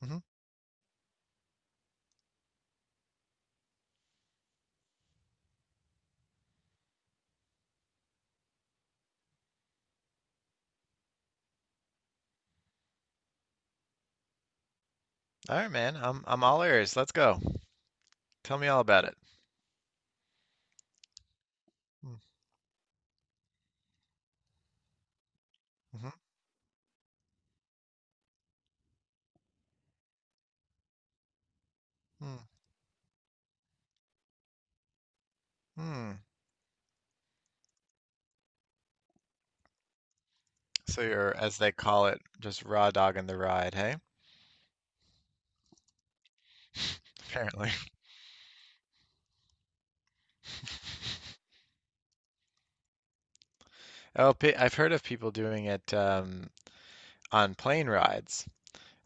Mhm. All right, man. I'm all ears. Let's go. Tell me all about it. Mm, mhm, mm, mm. So you're, as they call it, just raw dogging the ride, hey? Apparently. Oh, I've heard of people doing it on plane rides.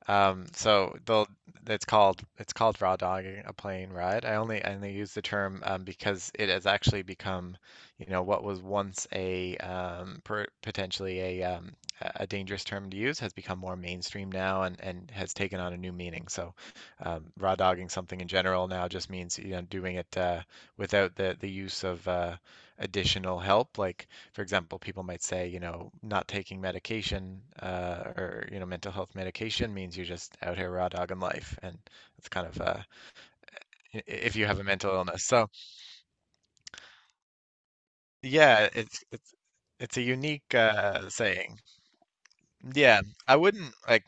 So they'll it's called raw dogging a plane ride. I only use the term because it has actually become, you know, what was once a potentially a dangerous term to use has become more mainstream now and has taken on a new meaning. So raw dogging something in general now just means, you know, doing it without the use of additional help. Like for example, people might say, you know, not taking medication or, you know, mental health medication means you're just out here raw dogging life, and it's kind of if you have a mental illness. So yeah, it's a unique saying. Yeah, I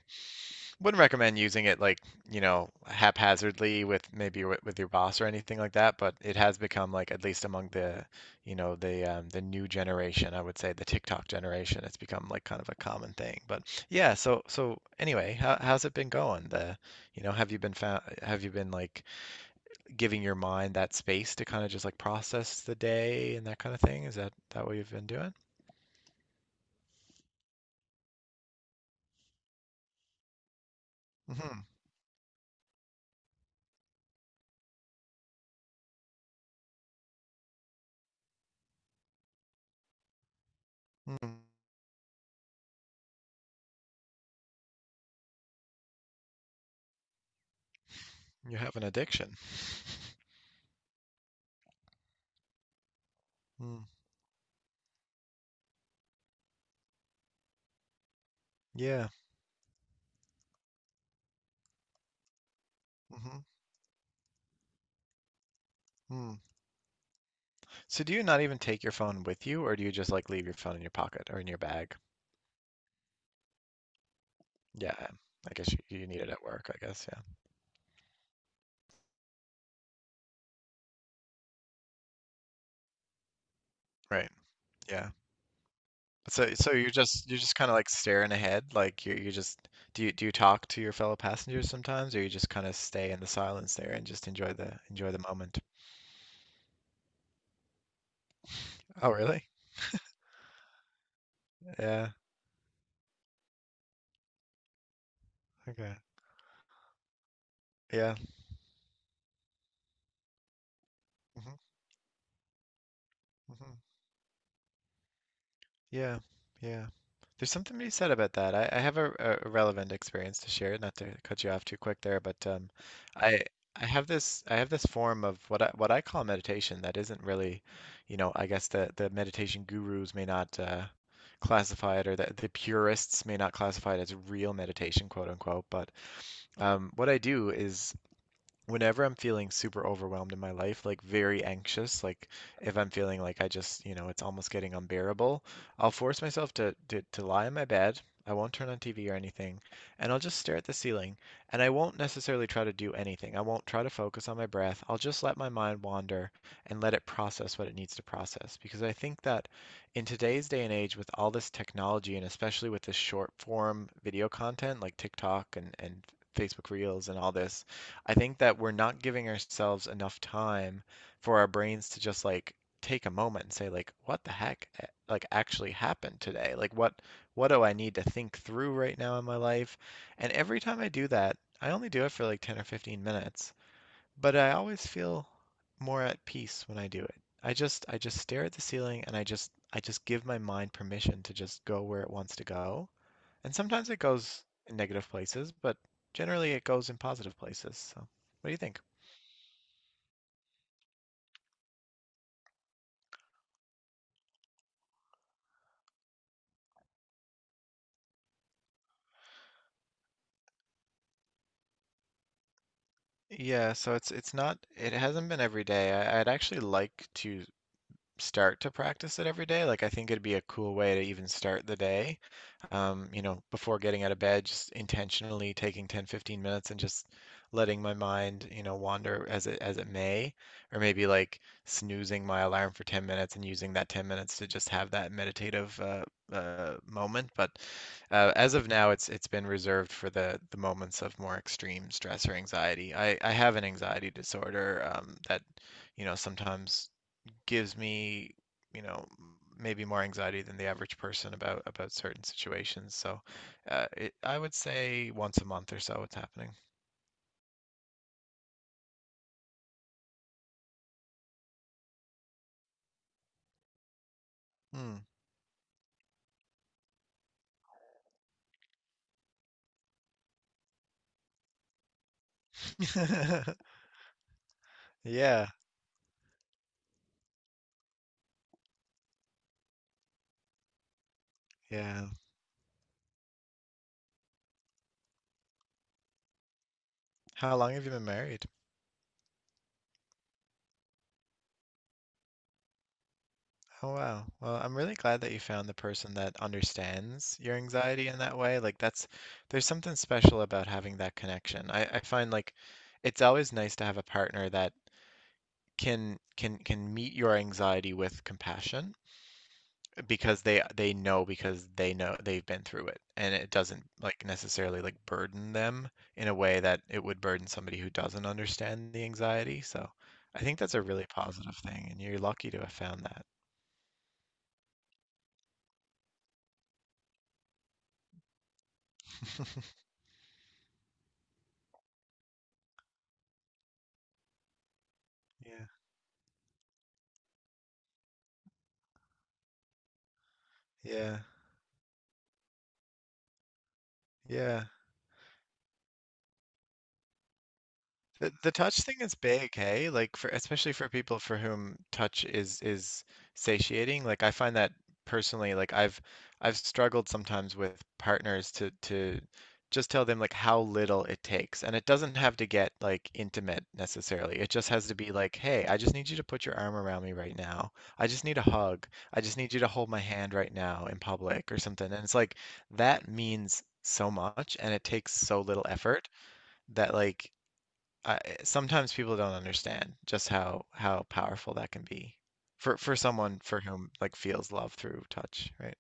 wouldn't recommend using it like, you know, haphazardly with maybe with your boss or anything like that, but it has become like at least among the, you know, the new generation, I would say the TikTok generation, it's become like kind of a common thing. But yeah, so anyway, how's it been going? You know, have you been like giving your mind that space to kind of just like process the day and that kind of thing? Is that what you've been doing? Hmm. You have an addiction. Mm, yeah. Hmm. So do you not even take your phone with you, or do you just like leave your phone in your pocket or in your bag? Yeah, I guess you need it at work, I guess. Yeah. Right. Yeah. So you're just kind of like staring ahead, like you just do you talk to your fellow passengers sometimes, or you just kind of stay in the silence there and just enjoy the moment? Oh, really? Yeah. Okay. Yeah. Hmm. Hmm. Yeah. Yeah. There's something to be said about that. I have a relevant experience to share, not to cut you off too quick there, but I I have this form of what I call meditation that isn't really, you know, I guess the meditation gurus may not classify it, or the purists may not classify it as real meditation, quote unquote. But what I do is whenever I'm feeling super overwhelmed in my life, like very anxious, like if I'm feeling like I just, you know, it's almost getting unbearable, I'll force myself to lie in my bed. I won't turn on TV or anything, and I'll just stare at the ceiling. And I won't necessarily try to do anything. I won't try to focus on my breath. I'll just let my mind wander and let it process what it needs to process. Because I think that in today's day and age, with all this technology, and especially with this short form video content like TikTok and Facebook Reels and all this, I think that we're not giving ourselves enough time for our brains to just like take a moment and say like, what the heck like actually happened today? Like what do I need to think through right now in my life? And every time I do that, I only do it for like 10 or 15 minutes, but I always feel more at peace when I do it. I just stare at the ceiling and I just give my mind permission to just go where it wants to go. And sometimes it goes in negative places, but generally it goes in positive places. So, what do you think? Yeah, so it's not it hasn't been every day. I'd actually like to start to practice it every day. Like I think it'd be a cool way to even start the day. You know, before getting out of bed, just intentionally taking 10, 15 minutes and just letting my mind, you know, wander as it may, or maybe like snoozing my alarm for 10 minutes and using that 10 minutes to just have that meditative moment. But as of now, it's been reserved for the moments of more extreme stress or anxiety. I have an anxiety disorder that, you know, sometimes gives me, you know, maybe more anxiety than the average person about certain situations. So, I would say once a month or so, it's happening. Hmm. Yeah, yeah. How long have you been married? Oh wow. Well, I'm really glad that you found the person that understands your anxiety in that way. Like that's there's something special about having that connection. I find like it's always nice to have a partner that can meet your anxiety with compassion because they know they've been through it and it doesn't like necessarily like burden them in a way that it would burden somebody who doesn't understand the anxiety. So I think that's a really positive thing and you're lucky to have found that. Yeah. Yeah. Yeah. The touch thing is big, hey? Like for especially for people for whom touch is satiating. Like I find that personally, like I've struggled sometimes with partners to just tell them like how little it takes. And it doesn't have to get like intimate necessarily. It just has to be like, "Hey, I just need you to put your arm around me right now. I just need a hug. I just need you to hold my hand right now in public or something." And it's like that means so much and it takes so little effort that like I, sometimes people don't understand just how powerful that can be for someone for whom like feels love through touch, right?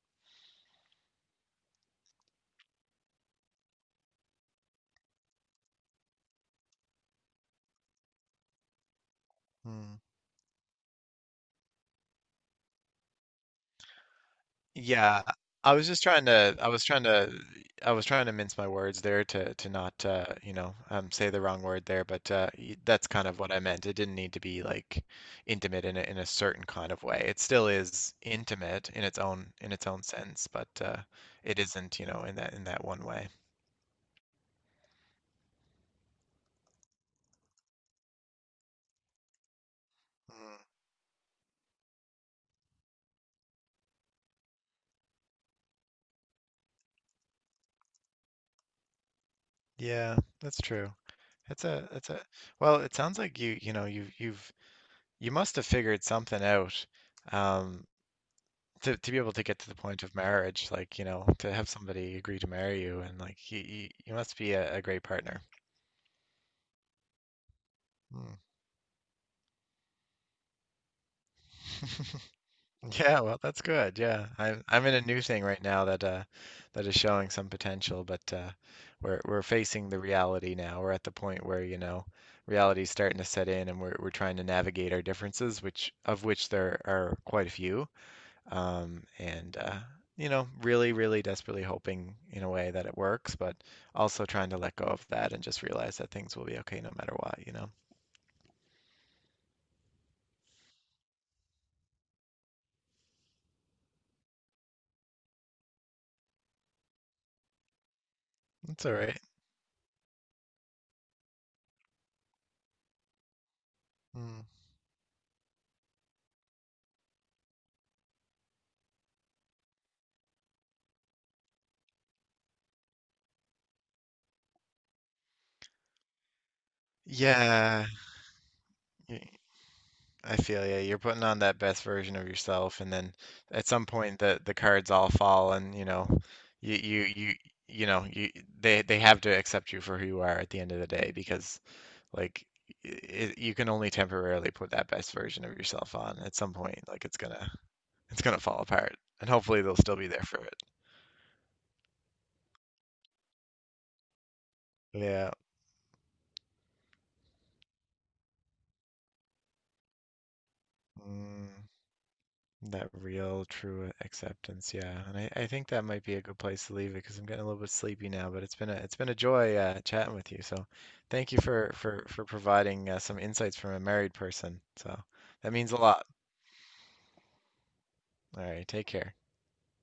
Mm. Yeah, I was just trying to I was trying to mince my words there to not you know say the wrong word there, but that's kind of what I meant. It didn't need to be like intimate in a certain kind of way. It still is intimate in its own sense, but it isn't, you know, in that one way. Mm. Yeah, that's true. It's a well, it sounds like you must have figured something out um to be able to get to the point of marriage, like, you know, to have somebody agree to marry you and like you must be a great partner. Hmm. Yeah, well, that's good. Yeah. I'm in a new thing right now that that is showing some potential, but we're facing the reality now. We're at the point where, you know, reality's starting to set in and we're trying to navigate our differences, which of which there are quite a few. And You know, really, really desperately hoping in a way that it works, but also trying to let go of that and just realize that things will be okay no matter what, you know. It's all right. Mm. Yeah, y- I feel you. You're putting on that best version of yourself, and then at some point the cards all fall, and you know, you you you you know, you they have to accept you for who you are at the end of the day because like it, you can only temporarily put that best version of yourself on. At some point, like it's gonna fall apart, and hopefully they'll still be there for it. Yeah. Mm, that real true acceptance, yeah. I think that might be a good place to leave it because I'm getting a little bit sleepy now, but it's been a joy chatting with you. So thank you for providing some insights from a married person. So that means a lot. All right, take care.